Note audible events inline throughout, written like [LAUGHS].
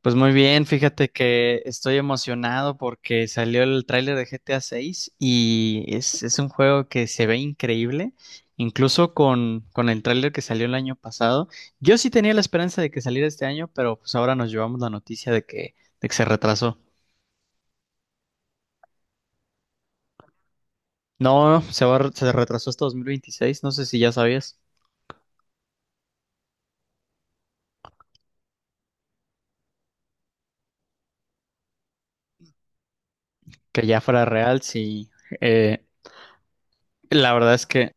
Pues muy bien, fíjate que estoy emocionado porque salió el tráiler de GTA 6 y es un juego que se ve increíble, incluso con el tráiler que salió el año pasado. Yo sí tenía la esperanza de que saliera este año, pero pues ahora nos llevamos la noticia de que se retrasó. No, se va, a re- se retrasó hasta 2026, no sé si ya sabías que ya fuera real, sí. eh, la verdad es que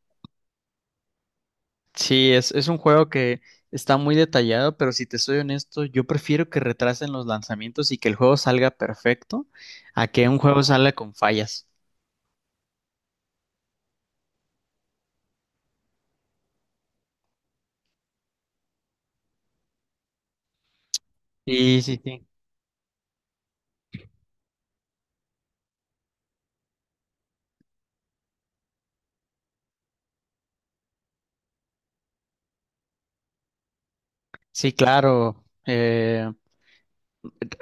sí, es un juego que está muy detallado, pero si te soy honesto, yo prefiero que retrasen los lanzamientos y que el juego salga perfecto a que un juego salga con fallas. Sí, sí, sí. Sí, claro. Eh,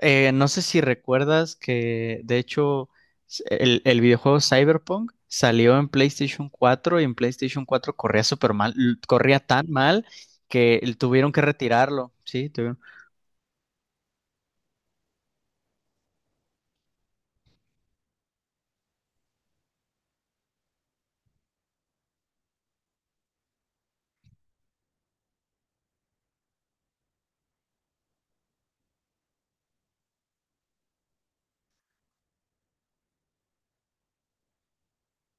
eh, No sé si recuerdas que, de hecho, el videojuego Cyberpunk salió en PlayStation 4 y en PlayStation 4 corría súper mal, corría tan mal que tuvieron que retirarlo. Sí, tuvieron.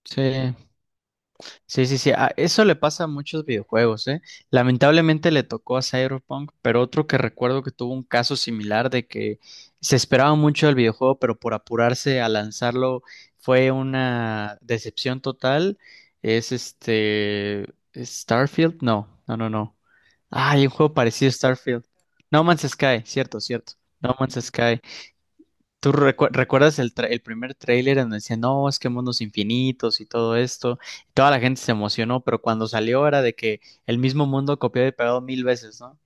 Sí. Eso le pasa a muchos videojuegos, ¿eh? Lamentablemente le tocó a Cyberpunk, pero otro que recuerdo que tuvo un caso similar de que se esperaba mucho del videojuego, pero por apurarse a lanzarlo fue una decepción total. Es este Starfield, no, no, no, no. Ah, hay un juego parecido a Starfield. No Man's Sky, cierto, cierto. No Man's Sky. Recuerdas el, el primer tráiler en donde decían, no, es que mundos infinitos y todo esto? Y toda la gente se emocionó, pero cuando salió era de que el mismo mundo copiado y pegado mil veces, ¿no?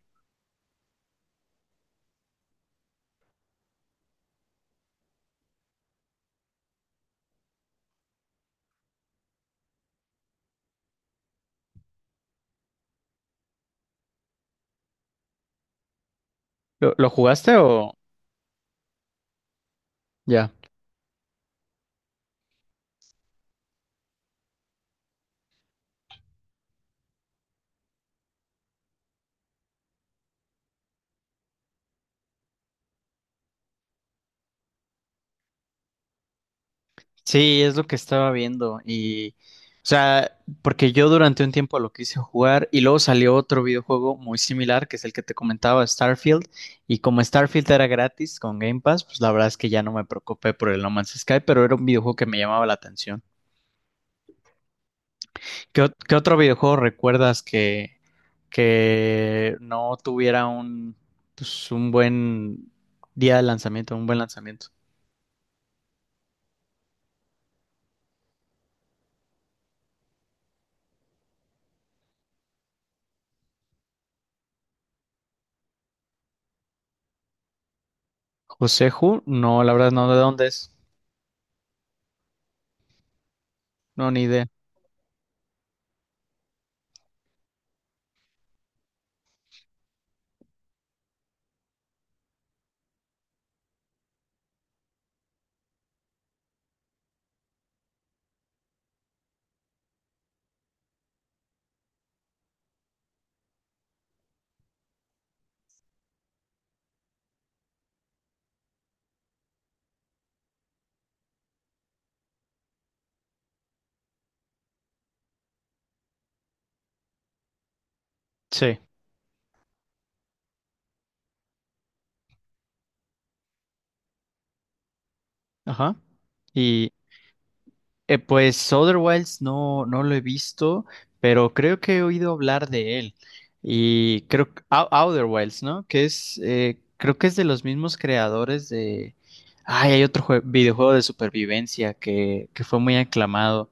¿Lo jugaste o ya? Sí, es lo que estaba viendo y, o sea, porque yo durante un tiempo lo quise jugar y luego salió otro videojuego muy similar, que es el que te comentaba, Starfield, y como Starfield era gratis con Game Pass, pues la verdad es que ya no me preocupé por el No Man's Sky, pero era un videojuego que me llamaba la atención. Qué otro videojuego recuerdas que no tuviera un, pues, un buen día de lanzamiento, un buen lanzamiento? Joseju, no, la verdad no, ¿de dónde es? No, ni idea. Sí, ajá. Y, pues Outer No, no lo he visto, pero creo que he oído hablar de él. Y creo que Outer Wilds, ¿no? Que es, creo que es de los mismos creadores de... Ay, hay otro videojuego de supervivencia que fue muy aclamado.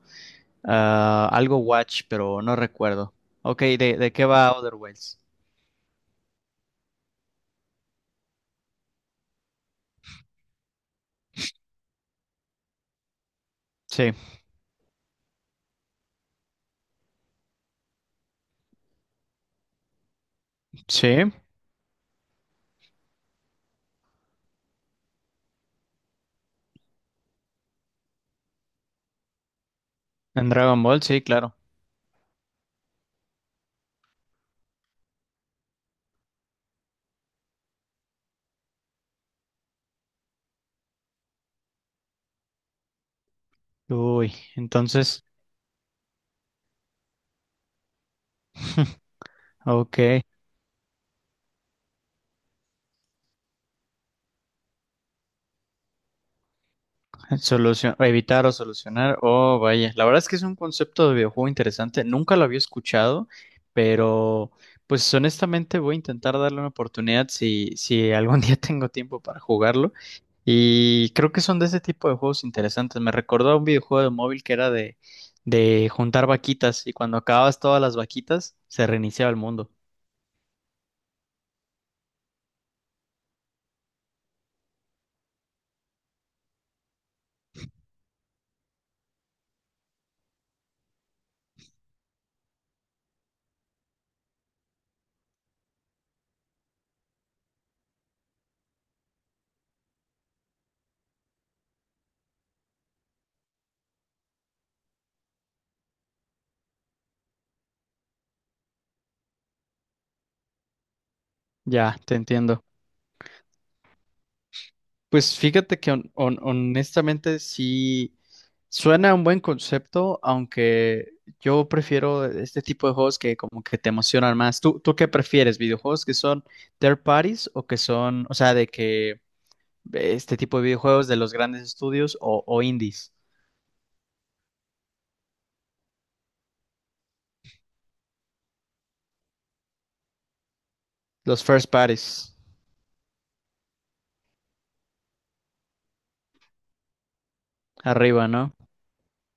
Ah, algo Watch, pero no recuerdo. Ok, de qué va Outer Wilds? Sí, sí, en Dragon Ball, sí, claro. Uy, entonces, [LAUGHS] ok. Solución, evitar o solucionar. Oh, vaya. La verdad es que es un concepto de videojuego interesante. Nunca lo había escuchado, pero pues honestamente voy a intentar darle una oportunidad si, si algún [LAUGHS] día tengo tiempo para jugarlo. Y creo que son de ese tipo de juegos interesantes. Me recordó a un videojuego de móvil que era de juntar vaquitas y cuando acababas todas las vaquitas se reiniciaba el mundo. Ya, te entiendo. Pues fíjate que honestamente sí suena un buen concepto, aunque yo prefiero este tipo de juegos que como que te emocionan más. ¿Tú qué prefieres? ¿Videojuegos que son third parties o que son, o sea, de que este tipo de videojuegos de los grandes estudios o indies? Los first parties, arriba, ¿no?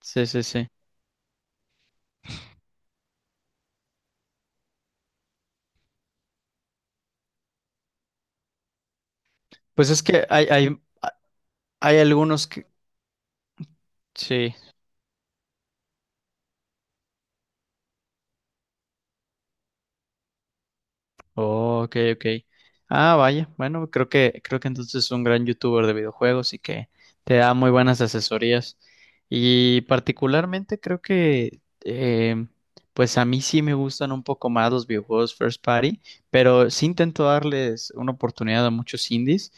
Sí, sí, sí. Pues es que hay algunos que... Sí. Oh, ok, ok. Ah, vaya. Bueno, creo que entonces es un gran youtuber de videojuegos y que te da muy buenas asesorías. Y particularmente creo que eh, pues a mí sí me gustan un poco más los videojuegos first party, pero sí intento darles una oportunidad a muchos indies.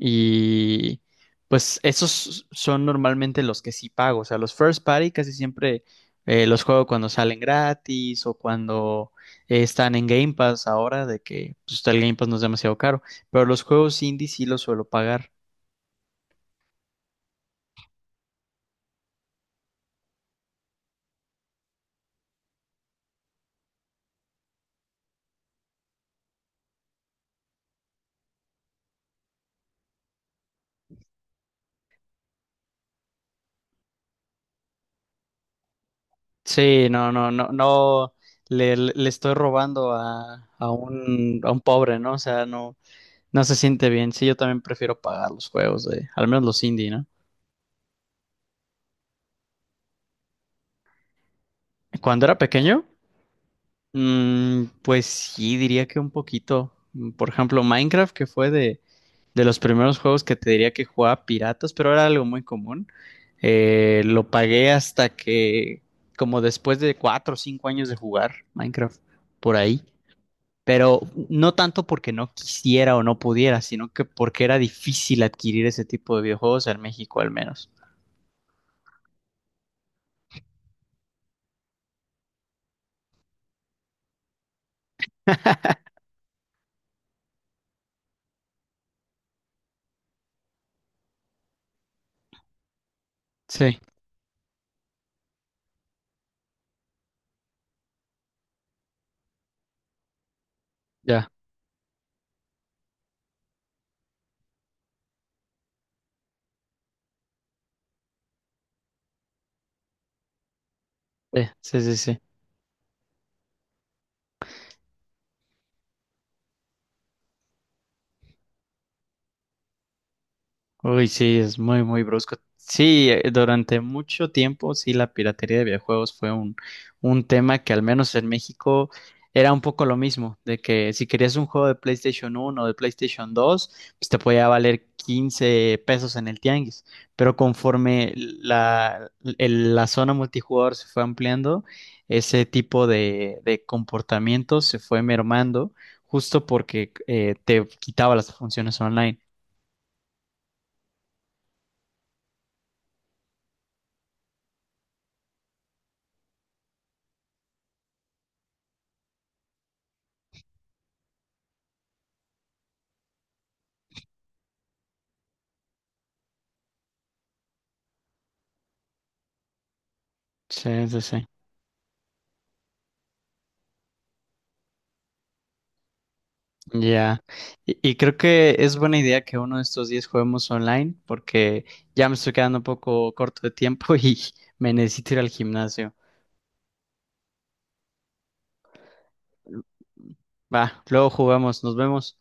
Y pues esos son normalmente los que sí pago. O sea, los first party casi siempre los juego cuando salen gratis o cuando están en Game Pass ahora, de que pues, el Game Pass no es demasiado caro, pero los juegos indie sí los suelo pagar. Sí, no, no, no, no le estoy robando a un pobre, ¿no? O sea, no, no se siente bien. Sí, yo también prefiero pagar los juegos de, al menos los indie, ¿no? Cuando era pequeño, mm, pues sí, diría que un poquito. Mm, por ejemplo, Minecraft, que fue de los primeros juegos que te diría que jugaba piratas, pero era algo muy común. Lo pagué hasta que, como después de 4 o 5 años de jugar Minecraft, por ahí. Pero no tanto porque no quisiera o no pudiera, sino que porque era difícil adquirir ese tipo de videojuegos en México al menos. Sí, ya. Sí, sí, sí. Sí. Uy, sí, es muy, muy brusco. Sí, durante mucho tiempo, sí, la piratería de videojuegos fue un tema que al menos en México era un poco lo mismo, de que si querías un juego de PlayStation 1 o de PlayStation 2 pues te podía valer 15 pesos en el tianguis, pero conforme la, la zona multijugador se fue ampliando, ese tipo de comportamiento se fue mermando justo porque te quitaba las funciones online. Sí, sí, sí. Ya, y creo que es buena idea que uno de estos días juguemos online porque ya me estoy quedando un poco corto de tiempo [LAUGHS] y me necesito ir al gimnasio. Va, luego jugamos, nos vemos.